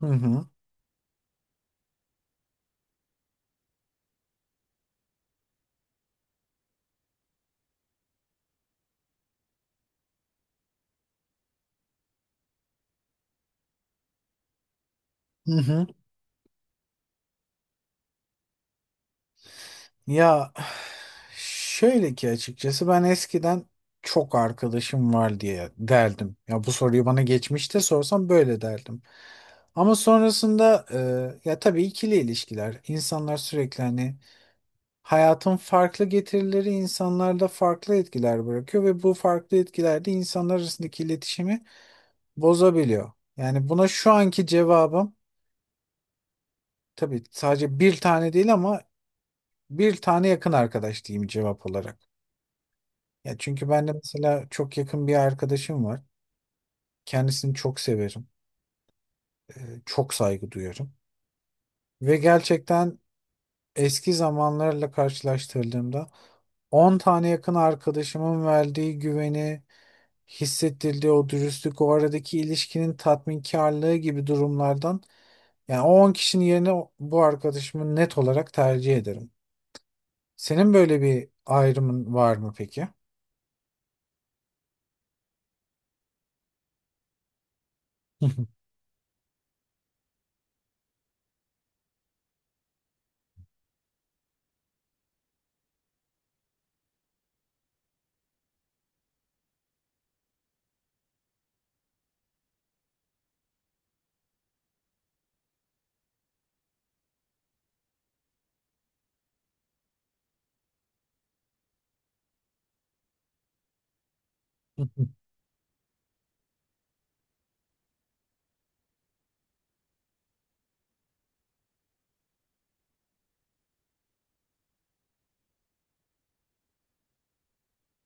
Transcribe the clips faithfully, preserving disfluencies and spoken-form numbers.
Hı hı. Hı hı. Ya şöyle ki açıkçası ben eskiden çok arkadaşım var diye derdim. Ya bu soruyu bana geçmişte sorsam böyle derdim. Ama sonrasında e, ya tabii ikili ilişkiler. İnsanlar sürekli hani hayatın farklı getirileri insanlarda farklı etkiler bırakıyor ve bu farklı etkiler de insanlar arasındaki iletişimi bozabiliyor. Yani buna şu anki cevabım tabii sadece bir tane değil ama bir tane yakın arkadaş diyeyim cevap olarak. Ya çünkü ben de mesela çok yakın bir arkadaşım var. Kendisini çok severim. Ee, Çok saygı duyarım. Ve gerçekten eski zamanlarla karşılaştırdığımda on tane yakın arkadaşımın verdiği güveni, hissettirdiği o dürüstlük, o aradaki ilişkinin tatminkarlığı gibi durumlardan yani o on kişinin yerine o- bu arkadaşımı net olarak tercih ederim. Senin böyle bir ayrımın var mı peki?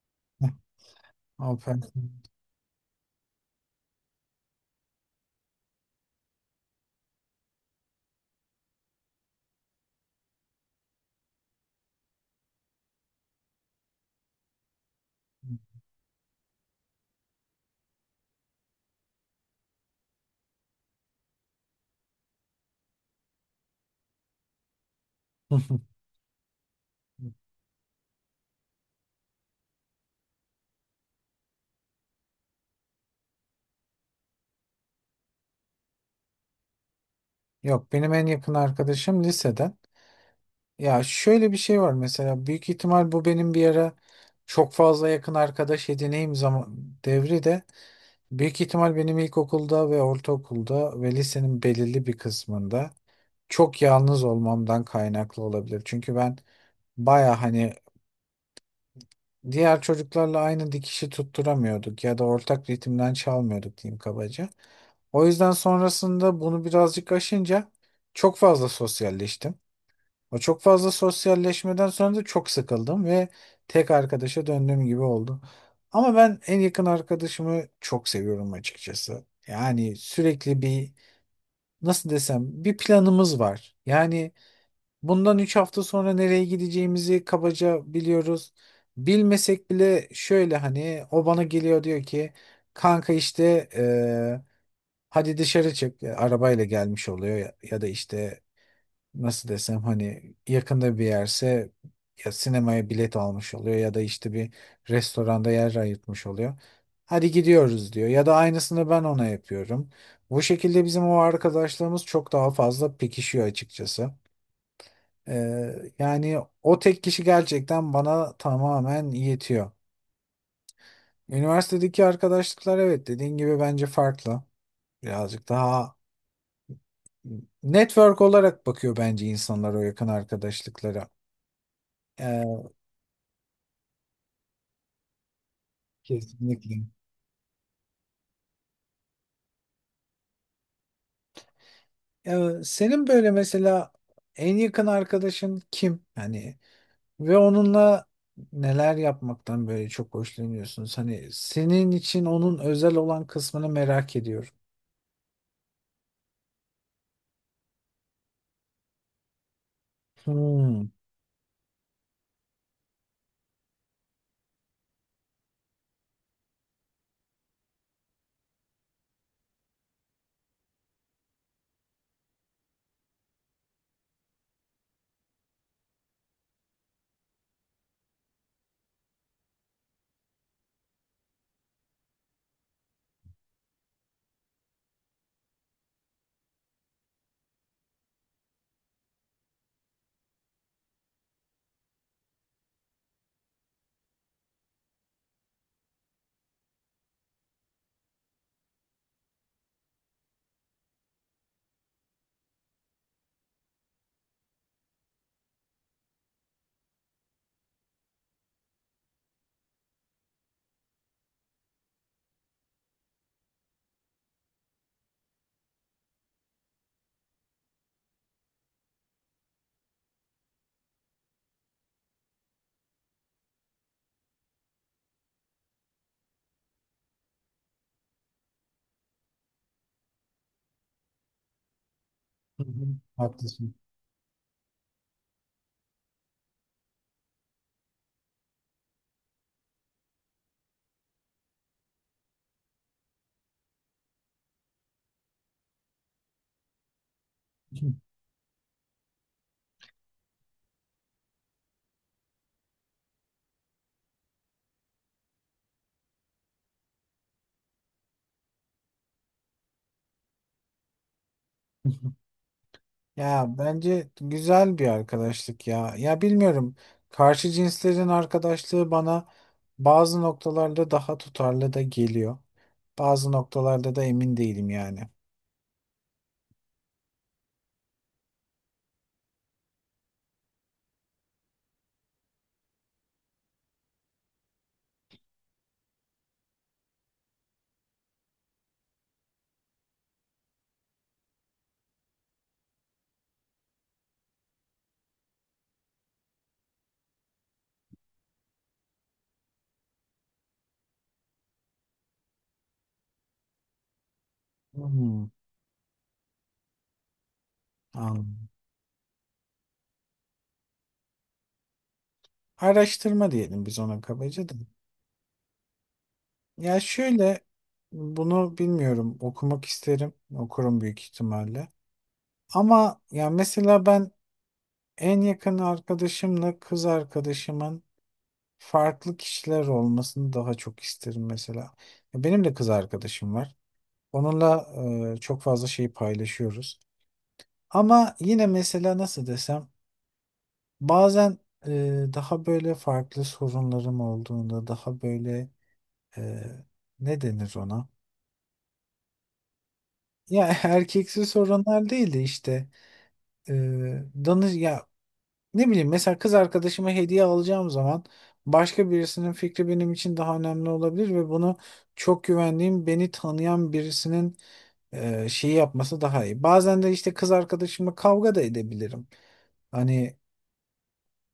Hanımefendi. Yok, benim en yakın arkadaşım liseden. Ya şöyle bir şey var, mesela büyük ihtimal bu benim bir ara çok fazla yakın arkadaş edineyim zaman devri de büyük ihtimal benim ilkokulda ve ortaokulda ve lisenin belirli bir kısmında çok yalnız olmamdan kaynaklı olabilir. Çünkü ben baya hani diğer çocuklarla aynı dikişi tutturamıyorduk ya da ortak ritimden çalmıyorduk diyeyim kabaca. O yüzden sonrasında bunu birazcık aşınca çok fazla sosyalleştim. O çok fazla sosyalleşmeden sonra da çok sıkıldım ve tek arkadaşa döndüğüm gibi oldu. Ama ben en yakın arkadaşımı çok seviyorum açıkçası. Yani sürekli bir nasıl desem bir planımız var. Yani bundan üç hafta sonra nereye gideceğimizi kabaca biliyoruz. Bilmesek bile şöyle hani o bana geliyor, diyor ki kanka işte hadi dışarı çık. e, Arabayla gelmiş oluyor ya, ya da işte nasıl desem hani yakında bir yerse ya sinemaya bilet almış oluyor ya da işte bir restoranda yer ayırtmış oluyor. Hadi gidiyoruz diyor. Ya da aynısını ben ona yapıyorum. Bu şekilde bizim o arkadaşlarımız çok daha fazla pekişiyor açıkçası. Ee, yani o tek kişi gerçekten bana tamamen yetiyor. Üniversitedeki arkadaşlıklar, evet, dediğin gibi bence farklı. Birazcık daha network olarak bakıyor bence insanlar o yakın arkadaşlıklara. Ee, kesinlikle. Ee, senin böyle mesela en yakın arkadaşın kim? Hani ve onunla neler yapmaktan böyle çok hoşlanıyorsunuz? Hani senin için onun özel olan kısmını merak ediyorum. Hmm. Hı hı. Haklısın. Ya bence güzel bir arkadaşlık ya. Ya bilmiyorum. Karşı cinslerin arkadaşlığı bana bazı noktalarda daha tutarlı da geliyor. Bazı noktalarda da emin değilim yani. Hmm, anladım. Araştırma diyelim biz ona kabaca da. Ya şöyle, bunu bilmiyorum, okumak isterim. Okurum büyük ihtimalle. Ama ya mesela ben en yakın arkadaşımla kız arkadaşımın farklı kişiler olmasını daha çok isterim mesela. Ya benim de kız arkadaşım var. Onunla e, çok fazla şey paylaşıyoruz. Ama yine mesela nasıl desem bazen e, daha böyle farklı sorunlarım olduğunda daha böyle e, ne denir ona? Ya erkeksi sorunlar değil de işte e, danış ya. Ne bileyim, mesela kız arkadaşıma hediye alacağım zaman başka birisinin fikri benim için daha önemli olabilir ve bunu çok güvendiğim beni tanıyan birisinin e, şeyi yapması daha iyi. Bazen de işte kız arkadaşımla kavga da edebilirim. Hani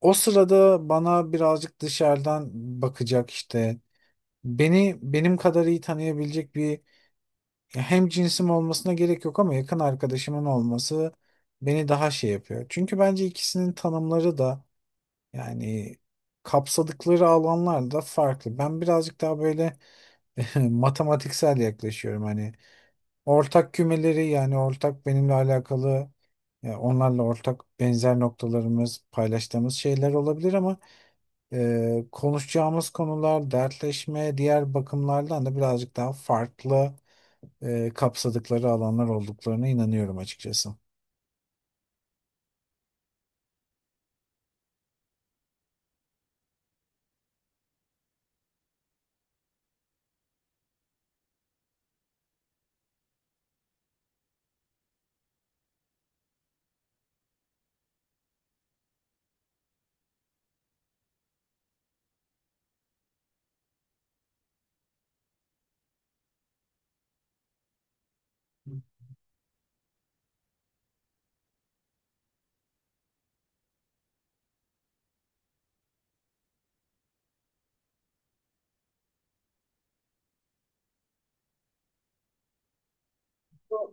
o sırada bana birazcık dışarıdan bakacak, işte beni benim kadar iyi tanıyabilecek bir, hem cinsim olmasına gerek yok ama yakın arkadaşımın olması beni daha şey yapıyor. Çünkü bence ikisinin tanımları da, yani kapsadıkları alanlar da farklı. Ben birazcık daha böyle matematiksel yaklaşıyorum. Hani ortak kümeleri, yani ortak benimle alakalı e, onlarla ortak benzer noktalarımız, paylaştığımız şeyler olabilir ama e, konuşacağımız konular, dertleşme, diğer bakımlardan da birazcık daha farklı e, kapsadıkları alanlar olduklarına inanıyorum açıkçası.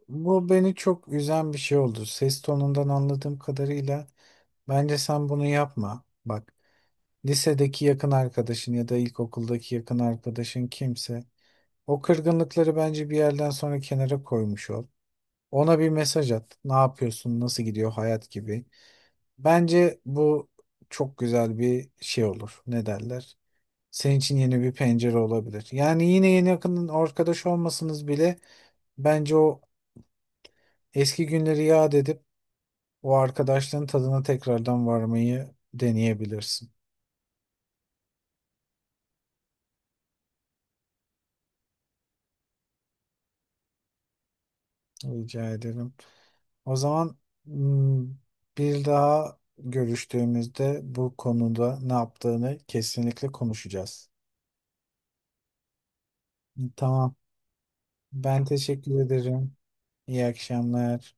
Bu beni çok üzen bir şey oldu. Ses tonundan anladığım kadarıyla bence sen bunu yapma. Bak, lisedeki yakın arkadaşın ya da ilkokuldaki yakın arkadaşın kimse o kırgınlıkları bence bir yerden sonra kenara koymuş ol. Ona bir mesaj at. Ne yapıyorsun? Nasıl gidiyor hayat, gibi. Bence bu çok güzel bir şey olur. Ne derler? Senin için yeni bir pencere olabilir. Yani yine yeni yakın arkadaş olmasanız bile bence o eski günleri yad edip o arkadaşlığın tadına tekrardan varmayı deneyebilirsin. Rica ederim. O zaman hmm, bir daha görüştüğümüzde bu konuda ne yaptığını kesinlikle konuşacağız. Tamam. Ben teşekkür ederim. İyi akşamlar.